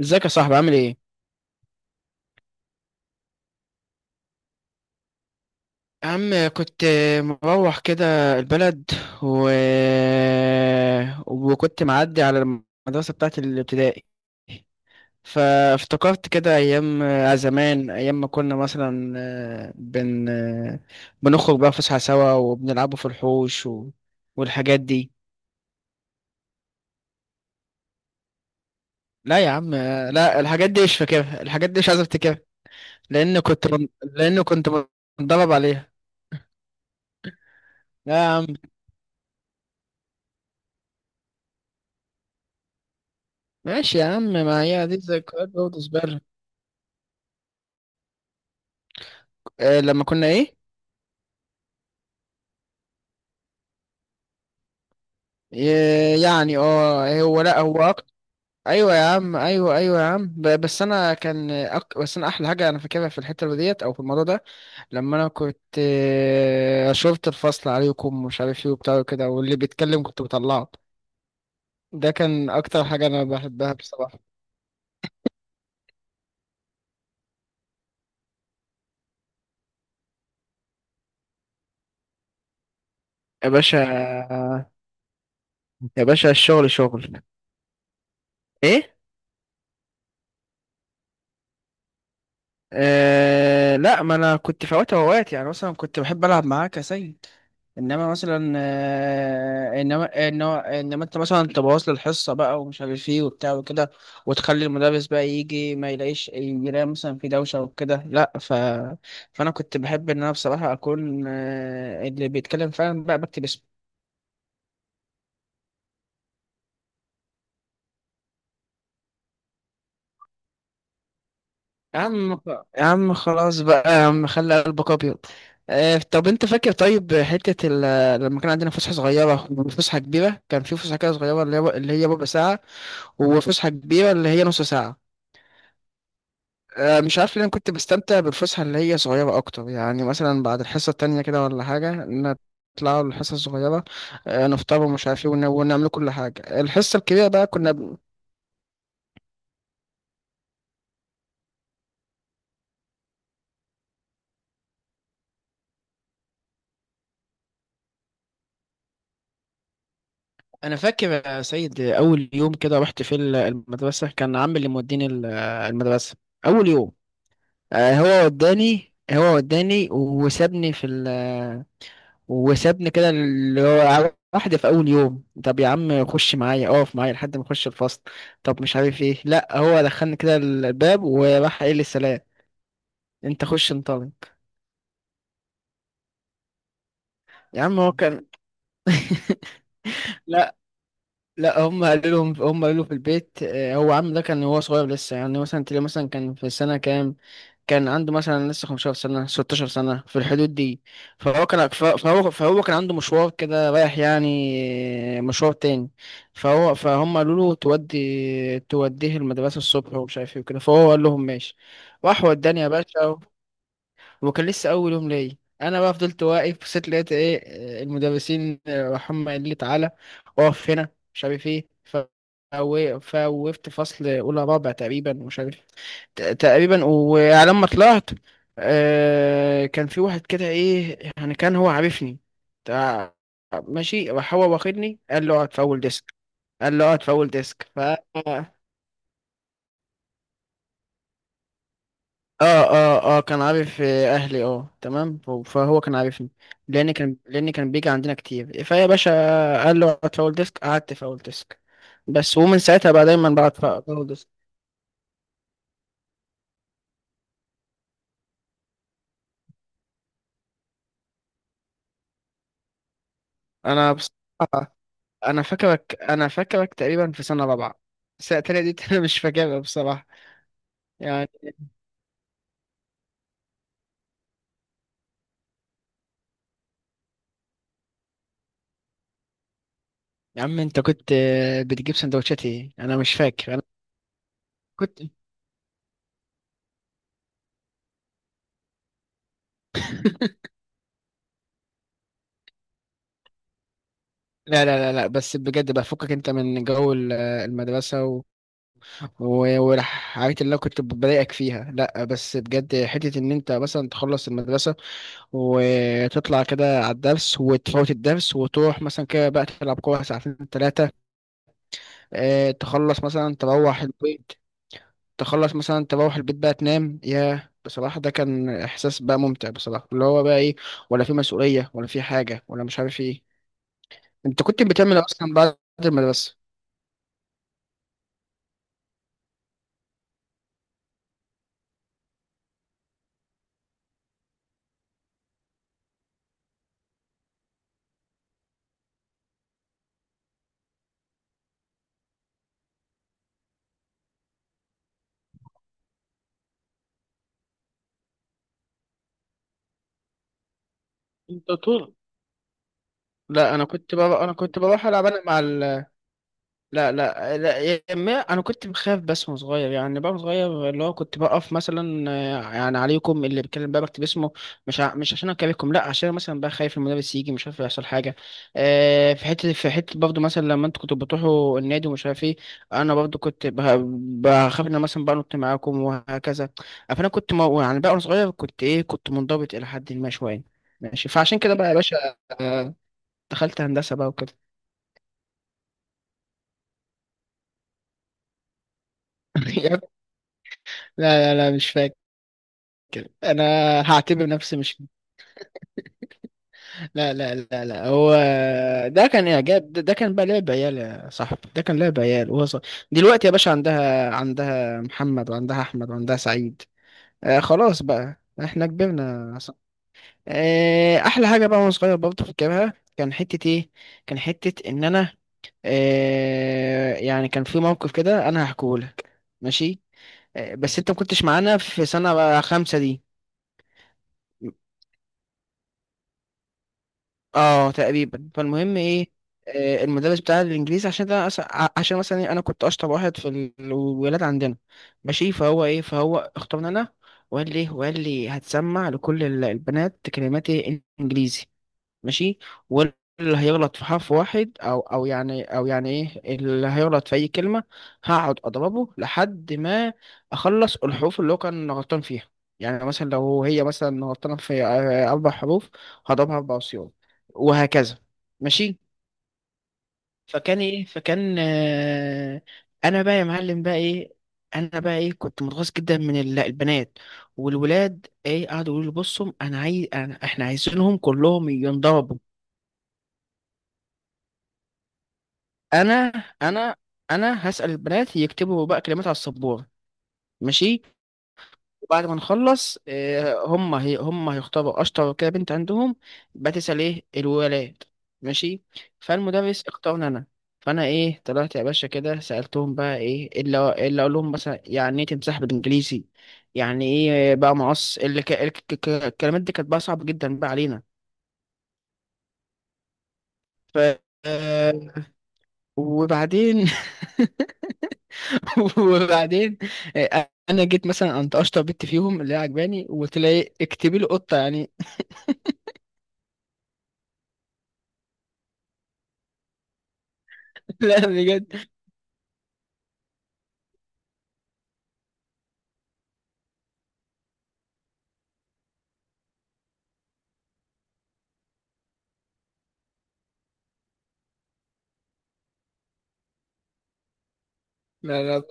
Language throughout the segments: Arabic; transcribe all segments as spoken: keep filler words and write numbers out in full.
ازيك يا صاحبي، عامل ايه؟ يا عم كنت مروح كده البلد و... وكنت معدي على المدرسة بتاعت الابتدائي، فافتكرت كده أيام زمان، أيام ما كنا مثلا آه، بن آه، بنخرج بقى فسحة سوا وبنلعبوا في الحوش و... والحاجات دي. لا يا عم، آه، لا، الحاجات دي مش فاكرها، الحاجات دي مش عايز افتكرها، لأن كنت بن... لأن كنت متدرب عليها. لا يا عم، ماشي يا عم، ما هي دي ذكريات برضه زبالة. آه لما كنا ايه، آه، يعني اه هو لا هو أكتر. ايوه يا عم، ايوه، ايوه يا عم، ب- بس انا كان أك... بس انا احلى حاجه انا فاكرها في الحته ديت او في الموضوع ده، لما انا كنت آه، شرطة الفصل عليكم ومش عارف ايه وبتاع كده، واللي بيتكلم كنت بطلعه. ده كان اكتر حاجة انا بحبها بصراحة. يا باشا، يا باشا الشغل شغل. ايه؟ آه لا، ما انا كنت فوات اوقات، يعني مثلا كنت بحب العب معاك يا سيد، انما مثلا آه، انما انما انما انت مثلا تبوظ لي الحصه بقى ومش عارف ايه وبتاع وكده، وتخلي المدرس بقى يجي ما يلاقيش، يلاقي مثلا في دوشه وكده، لا ف فانا كنت بحب ان انا بصراحه اكون آه، اللي بيتكلم فعلا بقى بكتب اسمه. يا عم خ- يا عم خلاص بقى، يا عم خلي قلبك ابيض. آه، طب انت فاكر طيب حته ال- لما كان عندنا فسحه صغيره وفسحه كبيره، كان في فسحه كده صغيره اللي هي اللي هي ربع ساعه، وفسحه كبيره اللي هي نص ساعه. آه، مش عارف ليه انا كنت بستمتع بالفسحه اللي هي صغيره اكتر، يعني مثلا بعد الحصه التانية كده ولا حاجه نطلعوا الحصه الصغيره، آه، نفطر ومش عارف ايه ون- ونعمل كل حاجه، الحصه الكبيره بقى كنا ب... انا فاكر يا سيد، آه، اول يوم كده رحت في ال- المدرسه كان عمي اللي موديني ال- آه، المدرسه اول يوم. آه، هو وداني، هو وداني وسابني في، وسابني كده، اللي هو واحدة في أول يوم طب يا عم خش معايا، اقف معايا لحد ما اخش الفصل، طب مش عارف ايه، لا هو دخلني كده الباب وراح قايل لي سلام، انت خش انطلق. يا عم هو كان، لا لا، هم قالوا لهم، هم قالوا له في البيت، آه، هو عم ده كان هو صغير لسه، يعني مثلا تلاقيه مثلا كان في سنة كام، كان عنده مثلا لسه خمستاشر سنة، ستة عشر سنة، في الحدود دي. فهو كان ف- فهو فهو كان عنده مشوار كده رايح، يعني مشوار تاني، فهو فهم قالوا له تودي، توديه المدرسة الصبح ومش عارف ايه وكده، فهو قال لهم ماشي. راح وداني يا باشا و- وكان لسه أول يوم ليا. أنا بقى فضلت واقف، بصيت لقيت ايه، المدرسين راح هم قال لي تعالى اقف هنا مش عارف ايه، ف- فوقفت فصل أولى رابع تقريبا، ومش عارف تقريبا، وعلى ما طلعت آه كان في واحد كده ايه، يعني كان هو عارفني، تع- ماشي راح هو واخدني، قال له اقعد في اول ديسك، قال له اقعد في اول ديسك ف اه، اه اه كان عارف آه، اهلي، اه تمام، ف- فهو كان عارفني، لان كان لان كان بيجي عندنا كتير فيا باشا قال له اقعد في اول ديسك، قعدت في اول ديسك بس، ومن ساعتها بقى دايما بقعد في اول ديسك. انا بصراحة، انا فاكرك انا فاكرك تقريبا في سنه رابعه، السنه التانية دي انا مش فاكرها بصراحه، يعني. يا عم انت كنت آه، بتجيب سندوتشات ايه، انا مش فاكر انا، كنت لا لا لا لا، بس بجد بقى، فكك انت من جو ال- المدرسة و... و- والحاجات اللي انا كنت بضايقك فيها، لا بس بجد حتة ان انت مثلا تخلص المدرسة وتطلع كده على الدرس وتفوت الدرس، وتروح مثلا كده بقى تلعب كورة ساعتين ثلاثة، اه تخلص مثلا تروح البيت، تخلص مثلا تروح البيت بقى تنام، يا بصراحة ده كان إحساس بقى ممتع بصراحة، اللي هو بقى إيه، ولا في مسؤولية ولا في حاجة ولا مش عارف إيه. أنت كنت بتعمل إيه أصلا بعد المدرسة؟ انت طول، لا أنا كنت بقى، أنا كنت بروح ألعب أنا مع ال، لا لا لا، يا ما انا كنت بخاف بس، وانا صغير يعني بقى، وانا صغير اللي هو كنت بقف مثلا آه، يعني عليكم اللي بيتكلم بقى بكتب اسمه، مش ع... مش عشان اكلمكم لا، عشان مثلا بقى خايف المدرس يجي مش عارف يحصل حاجه. آه، في حته، في حته برضه مثلا لما انتوا كنتوا بتروحوا النادي ومش عارف ايه انا برضه كنت بخ- بخاف ان أنا مثلا بقى نط معاكم وهكذا، فانا كنت مو... يعني بقى وانا صغير كنت ايه، كنت منضبط الى حد ما شويه. ماشي، فعشان كده بقى يا باشا آه، دخلت هندسه بقى وكده. لا لا لا، مش فاكر، انا هعتبر نفسي مش، لا لا لا لا، هو ده كان اعجاب، ده, ده كان بقى لعب عيال يا صاحبي، ده كان لعب عيال وهو صغير، دلوقتي يا باشا، عندها عندها محمد، وعندها احمد، وعندها سعيد. آه خلاص بقى، احنا كبرنا يا صاحبي. آه احلى حاجه بقى وانا صغير برضه فاكرها، كان حته ايه، كان حته ان انا، آه يعني كان في موقف كده انا هحكيه لك، ماشي. آه بس انت ما كنتش معانا في سنه خمسه دي. اه تقريبا، فالمهم ايه، آه، المدرس بتاع الانجليزي، عشان ده أص- ع- عشان مثلا إيه، انا كنت اشطر واحد في الولاد عندنا. ماشي، فهو ايه، فهو اختارني انا، وقال لي وقال لي هتسمع لكل ال- البنات كلمات إيه؟ انجليزي، ماشي، واللي هيغلط في حرف واحد او او يعني، او يعني ايه، اللي هيغلط في اي كلمه هقعد اضربه لحد ما اخلص الحروف اللي هو كان غلطان فيها. يعني مثلا لو هي مثلا غلطانه في آه، اربع حروف، هضربها اربع صيغ، وهكذا ماشي. فكان ايه، فكان آه، انا بقى يا معلم بقى ايه، انا بقى ايه كنت متغاظ جدا من ال- البنات، والولاد ايه قعدوا يقولوا لي بصوا انا عايز، أنا احنا عايزينهم كلهم ينضربوا. انا انا انا هسأل البنات يكتبوا بقى كلمات على السبورة. ماشي، وبعد ما نخلص آه، هم هي هم هيختاروا اشطر كده بنت عندهم، بقى تسأل ايه الولاد. ماشي، فالمدرس اختارني انا، فانا ايه طلعت يا باشا كده سألتهم بقى ايه، إيه اللي إيه اللي اقول لهم مثلا، يعني ايه تمسح بالانجليزي، يعني ايه بقى مقص، اللي ك- الك- ك- الكلمات دي كانت بقى صعبة جدا بقى علينا. ف آه، وبعدين وبعدين آه، انا جيت مثلا قمت اشطر بنت فيهم اللي هي عجباني، وقلت لها ايه اكتبي لي قطه يعني. لا بجد، لا لا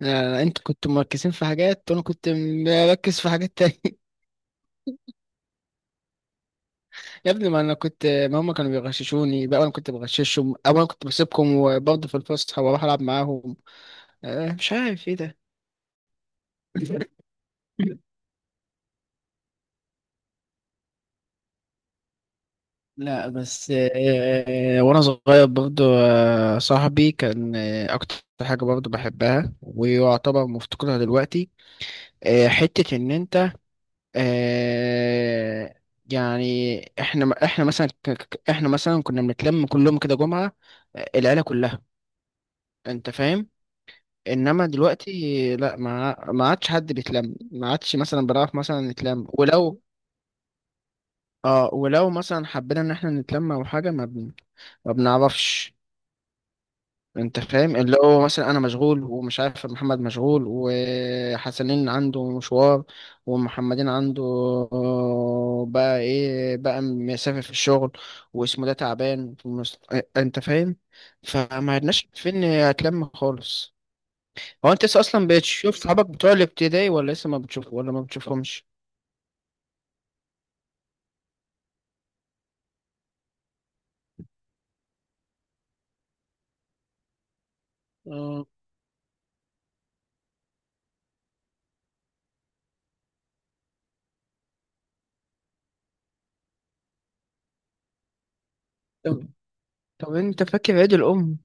لا لا، انتوا كنتوا مركزين في حاجات، وانا كنت مركز في حاجات تانية. يا ابني ما انا كنت، ما هم كانوا بيغششوني بقى انا كنت بغششهم، او انا كنت بسيبكم وبرضه في الفسحه واروح العب معاهم، آه، مش عارف ايه ده. لا بس، آه، وانا صغير برضو، آه، صاحبي كان آه، اكتر حاجة برضو بحبها، ويعتبر مفتقدها دلوقتي، آه، حتة إن أنت، آه، يعني إحنا إحنا مثلا ك- ك- إحنا مثلا كنا بنتلم كلهم كده جمعة، آه، العيلة كلها، أنت فاهم. إنما دلوقتي لأ، ما ما عادش حد بيتلم، ما عادش مثلا بنعرف مثلا نتلم، ولو آه ولو مثلا حبينا إن إحنا نتلم أو حاجة ما بن... ما بنعرفش، انت فاهم، اللي هو مثلا انا مشغول ومش عارف، محمد مشغول، وحسنين عنده مشوار، ومحمدين عنده آه، بقى ايه بقى مسافر في الشغل، واسمه ده تعبان في المس... اه، انت فاهم، فما عدناش فين هتلم خالص. هو انت لسه اصلا بتشوف صحابك بتوع الابتدائي، ولا لسه ما بتشوف، ولا ما بتشوفهمش؟ اه طب، طب انت فاكر عيد الام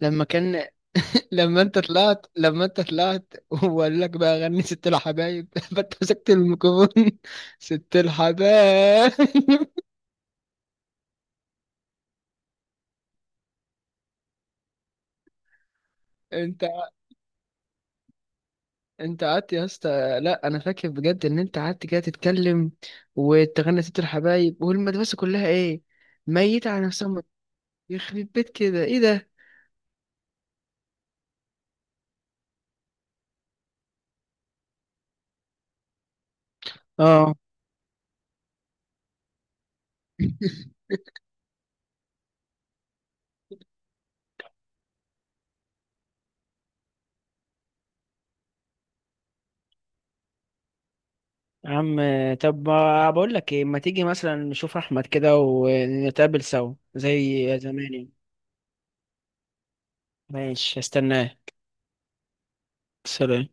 لما كان لما انت طلعت لما انت طلعت وقال لك بقى غني ست الحبايب، فانت مسكت الميكروفون، ست الحبايب، انت انت قعدت يا اسطى، لا انا فاكر بجد ان انت قعدت كده تتكلم وتغني ست الحبايب، والمدرسه كلها ايه، ميتة على نفسها، يخرب بيت كده ايه ده. اه يا عم، طب ما بقول لك ايه، ما تيجي مثلا نشوف احمد كده ونتقابل سوا زي زمان يعني. ماشي، استناه، سلام.